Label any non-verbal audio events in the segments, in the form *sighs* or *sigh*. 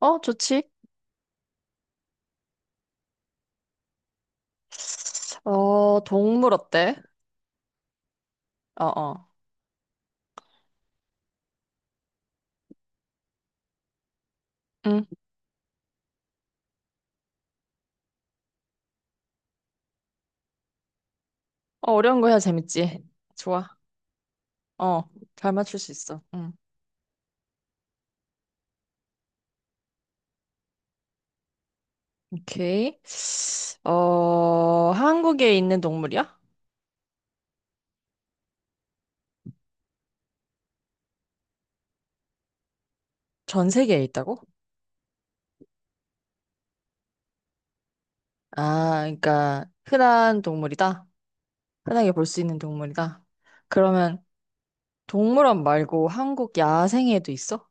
좋지. 동물 어때? 어. 응. 어려운 거 해야 재밌지. 좋아. 어, 잘 맞출 수 있어. 응. 오케이. 한국에 있는 동물이야? 전 세계에 있다고? 아, 그러니까 흔한 동물이다. 흔하게 볼 수 있는 동물이다. 그러면 동물원 말고 한국 야생에도 있어?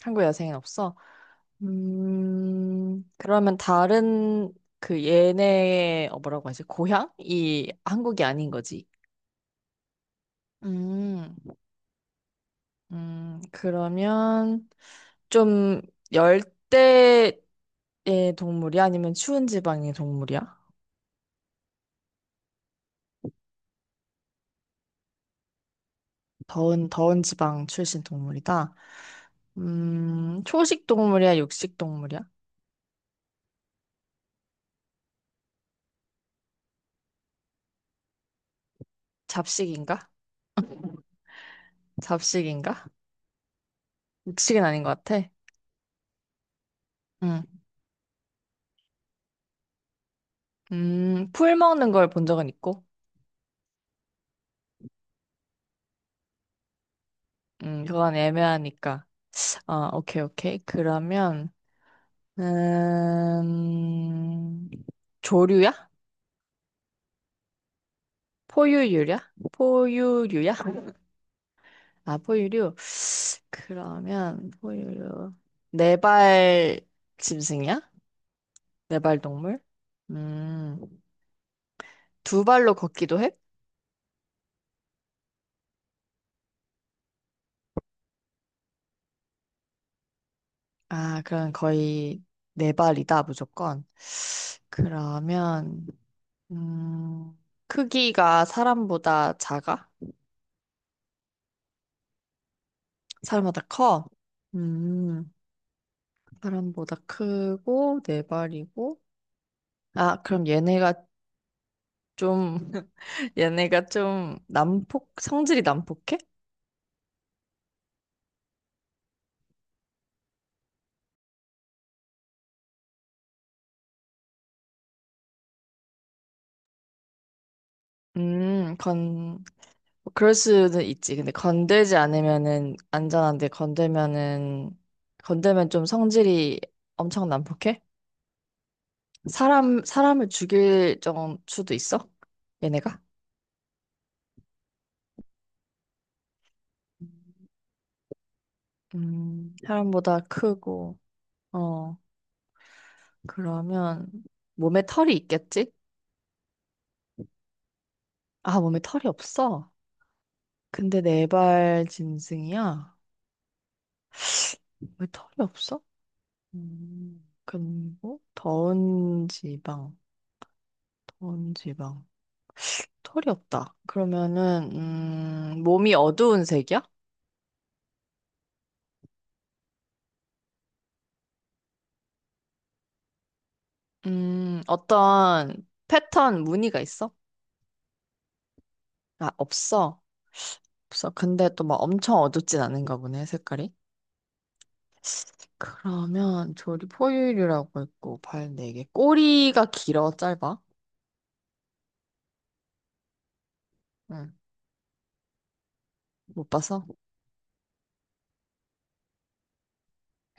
한국 여생은 없어? 그러면 다른 그 얘네의 뭐라고 하지? 고향이 한국이 아닌 거지. 음, 그러면 좀 열대의 동물이 아니면 추운 지방의 동물이야? 더운 지방 출신 동물이다. 초식 동물이야, 육식 동물이야? 잡식인가? 잡식인가? 육식은 아닌 것 같아. 음, 풀 먹는 걸 본 적은 있고. 그건 애매하니까. 아, 오케이, 오케이. 그러면, 음, 조류야? 포유류야? 포유류야? 아, 포유류. 그러면, 포유류. 네발 짐승이야? 네발 동물? 음, 두 발로 걷기도 해? 아, 그럼 거의 네 발이다, 무조건. 그러면, 음, 크기가 사람보다 작아? 사람보다 커? 음, 사람보다 크고, 네 발이고. 아, 그럼 얘네가 좀, *laughs* 얘네가 좀 난폭, 성질이 난폭해? 음, 건, 뭐 그럴 수는 있지. 근데 건들지 않으면은 안전한데, 건들면은, 건들면 좀 성질이 엄청 난폭해? 사람을 죽일 정 수도 있어? 얘네가? 사람보다 크고, 어. 그러면 몸에 털이 있겠지? 아, 몸에 털이 없어. 근데 네 발 짐승이야. 왜 털이 없어? 그리고 더운 지방, 더운 지방. 털이 없다. 그러면은 몸이 어두운 색이야? 어떤 패턴 무늬가 있어? 아, 없어. 없어. 근데 또 막 엄청 어둡진 않은가 보네, 색깔이. 그러면 조리 포유류라고 있고 발 네 개 꼬리가 길어 짧아? 응. 못 봤어?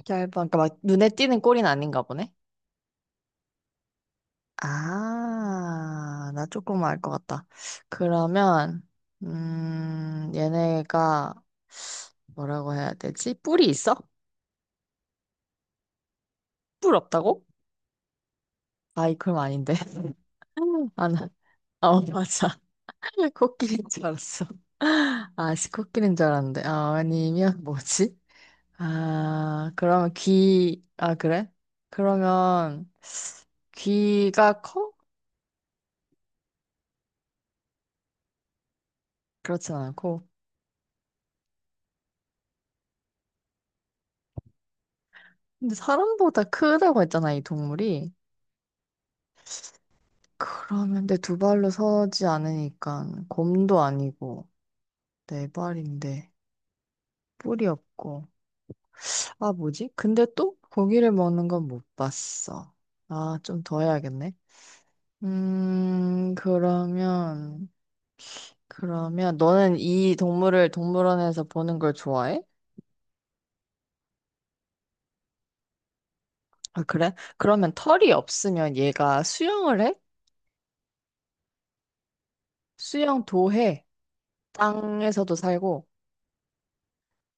짧아. 그러니까 막 눈에 띄는 꼬리는 아닌가 보네. 아, 나 조금 알 것 같다. 그러면 얘네가 뭐라고 해야 되지? 뿔이 있어? 뿔 없다고? 아이 그럼 아닌데. *laughs* 아, 나, 어, 맞아. *laughs* 코끼리인 줄 알았어. 아, 씨, 코끼리인 줄 알았는데. 아, 아니면 뭐지? 아, 그래? 그러면 귀가 커? 그렇진 않고. 근데 사람보다 크다고 했잖아, 이 동물이. 그러면 내 두 발로 서지 않으니까 곰도 아니고 네 발인데 뿔이 없고. 아, 뭐지? 근데 또 고기를 먹는 건 못 봤어. 아, 좀 더 해야겠네. 음, 그러면, 그러면 너는 이 동물을 동물원에서 보는 걸 좋아해? 아, 그래? 그러면 털이 없으면 얘가 수영을 해? 수영도 해. 땅에서도 살고.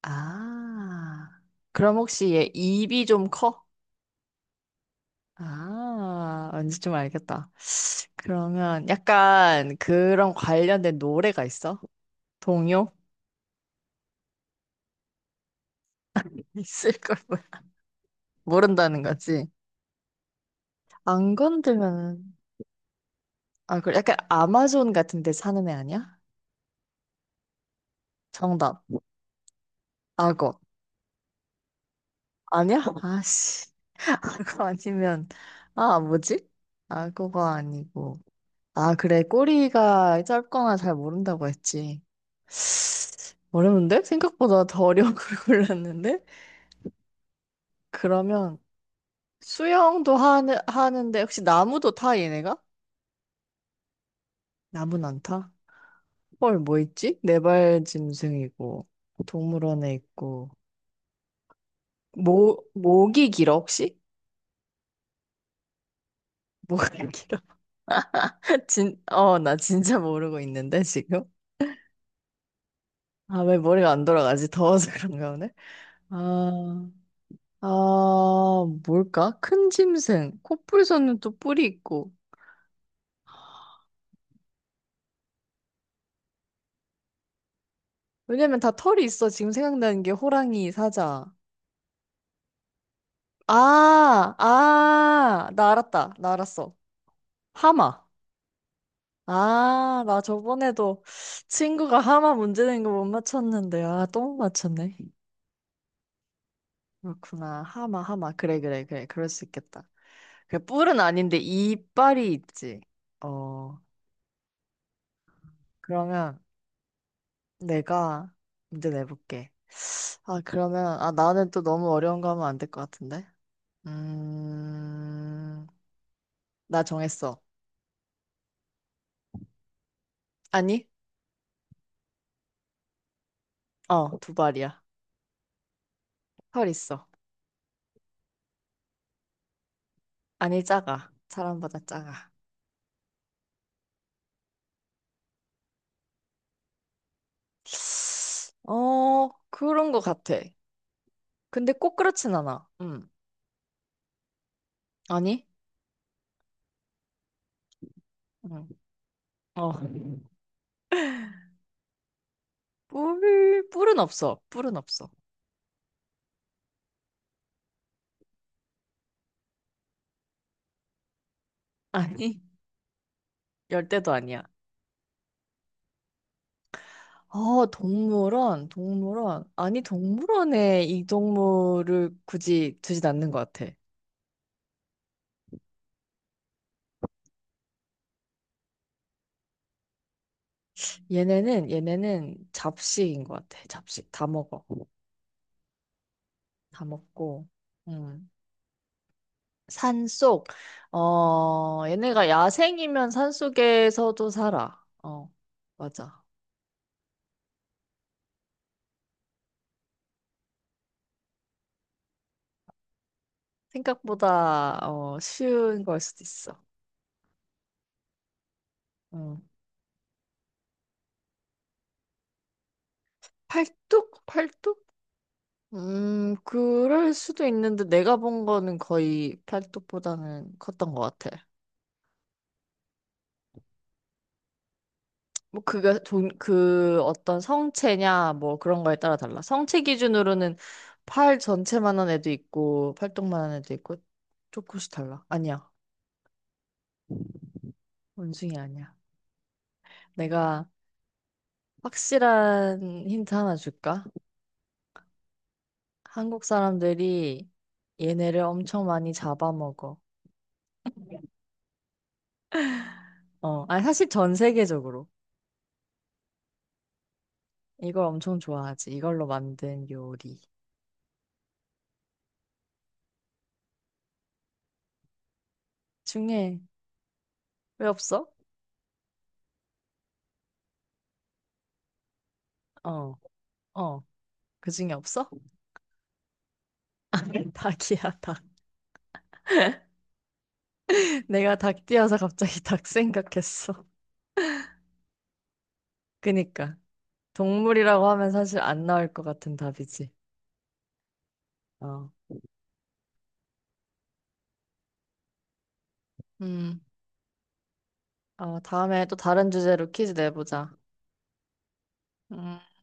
아, 그럼 혹시 얘 입이 좀 커? 아, 왠지 좀 알겠다. 그러면 약간 그런 관련된 노래가 있어? 동요? *laughs* 있을 걸 몰- 모른다는 거지. 안 건들면, 아, 그래. 약간 아마존 같은 데 사는 애 아니야? 정답. 악어. 아니야? 아씨. *laughs* 아, 그거 아니면, 아, 뭐지? 아, 그거 아니고. 아, 그래. 꼬리가 짧거나 잘 모른다고 했지. 어려운데? 생각보다 더 어려운 걸 *laughs* 골랐는데? 그러면 하는데, 혹시 나무도 타, 얘네가? 나무는 안 타? 헐, 뭐 있지? 네발짐승이고, 동물원에 있고, 목이 길어, 혹시? 목이 *laughs* 길어? 나 진짜 모르고 있는데, 지금? 아, 왜 머리가 안 돌아가지? 더워서 *laughs* 그런가 오늘? 아, 아, 뭘까? 큰 짐승. 코뿔소는 또 뿔이 있고. 왜냐면 다 털이 있어. 지금 생각나는 게 호랑이, 사자. 아, 나 알았다. 나 알았어. 하마. 아, 나 저번에도 친구가 하마 문제 낸 거 못 맞췄는데, 아, 또 못 맞췄네. 그렇구나. 하마, 하마. 그래, 그래, 그래. 그럴 수 있겠다. 그 뿔은 아닌데 이빨이 있지. 어, 그러면. 내가 문제 내볼게. 아, 나는 또 너무 어려운 거 하면 안 될 것 같은데? 음, 나 정했어. 아니? 어, 두 발이야. 털 있어. 아니, 작아. 사람보다 작아. *sighs* 어, 그런 거 같아. 근데 꼭 그렇진 않아. 아니? 음, 어, 뿔은 없어. 아니, 열대도 아니야. 동물원. 아니, 동물원에 이 동물을 굳이 두진 않는 것 같아. 얘네는 잡식인 것 같아. 잡식. 다 먹어. 다 먹고. 음. 산속. 어, 얘네가 야생이면 산속에서도 살아. 어, 맞아. 생각보다, 어, 쉬운 걸 수도 있어. 음. 팔뚝? 그럴 수도 있는데 내가 본 거는 거의 팔뚝보다는 컸던 것 같아. 뭐 그게 돈, 그 어떤 성체냐 뭐 그런 거에 따라 달라. 성체 기준으로는 팔 전체만한 애도 있고 팔뚝만한 애도 있고 조금씩 달라. 아니야. 원숭이 아니야. 내가 확실한 힌트 하나 줄까? 한국 사람들이 얘네를 엄청 많이 잡아먹어. 어, 아니 사실 전 세계적으로. 이걸 엄청 좋아하지. 이걸로 만든 요리 중에 왜 없어? 어, 어, 그 중에 없어? *laughs* 닭이야, 닭. *laughs* 내가 닭 뛰어서 갑자기 닭 생각했어. 그니까 동물이라고 하면 사실 안 나올 것 같은 답이지. 어, 음, 다음에 또 다른 주제로 퀴즈 내보자. 음.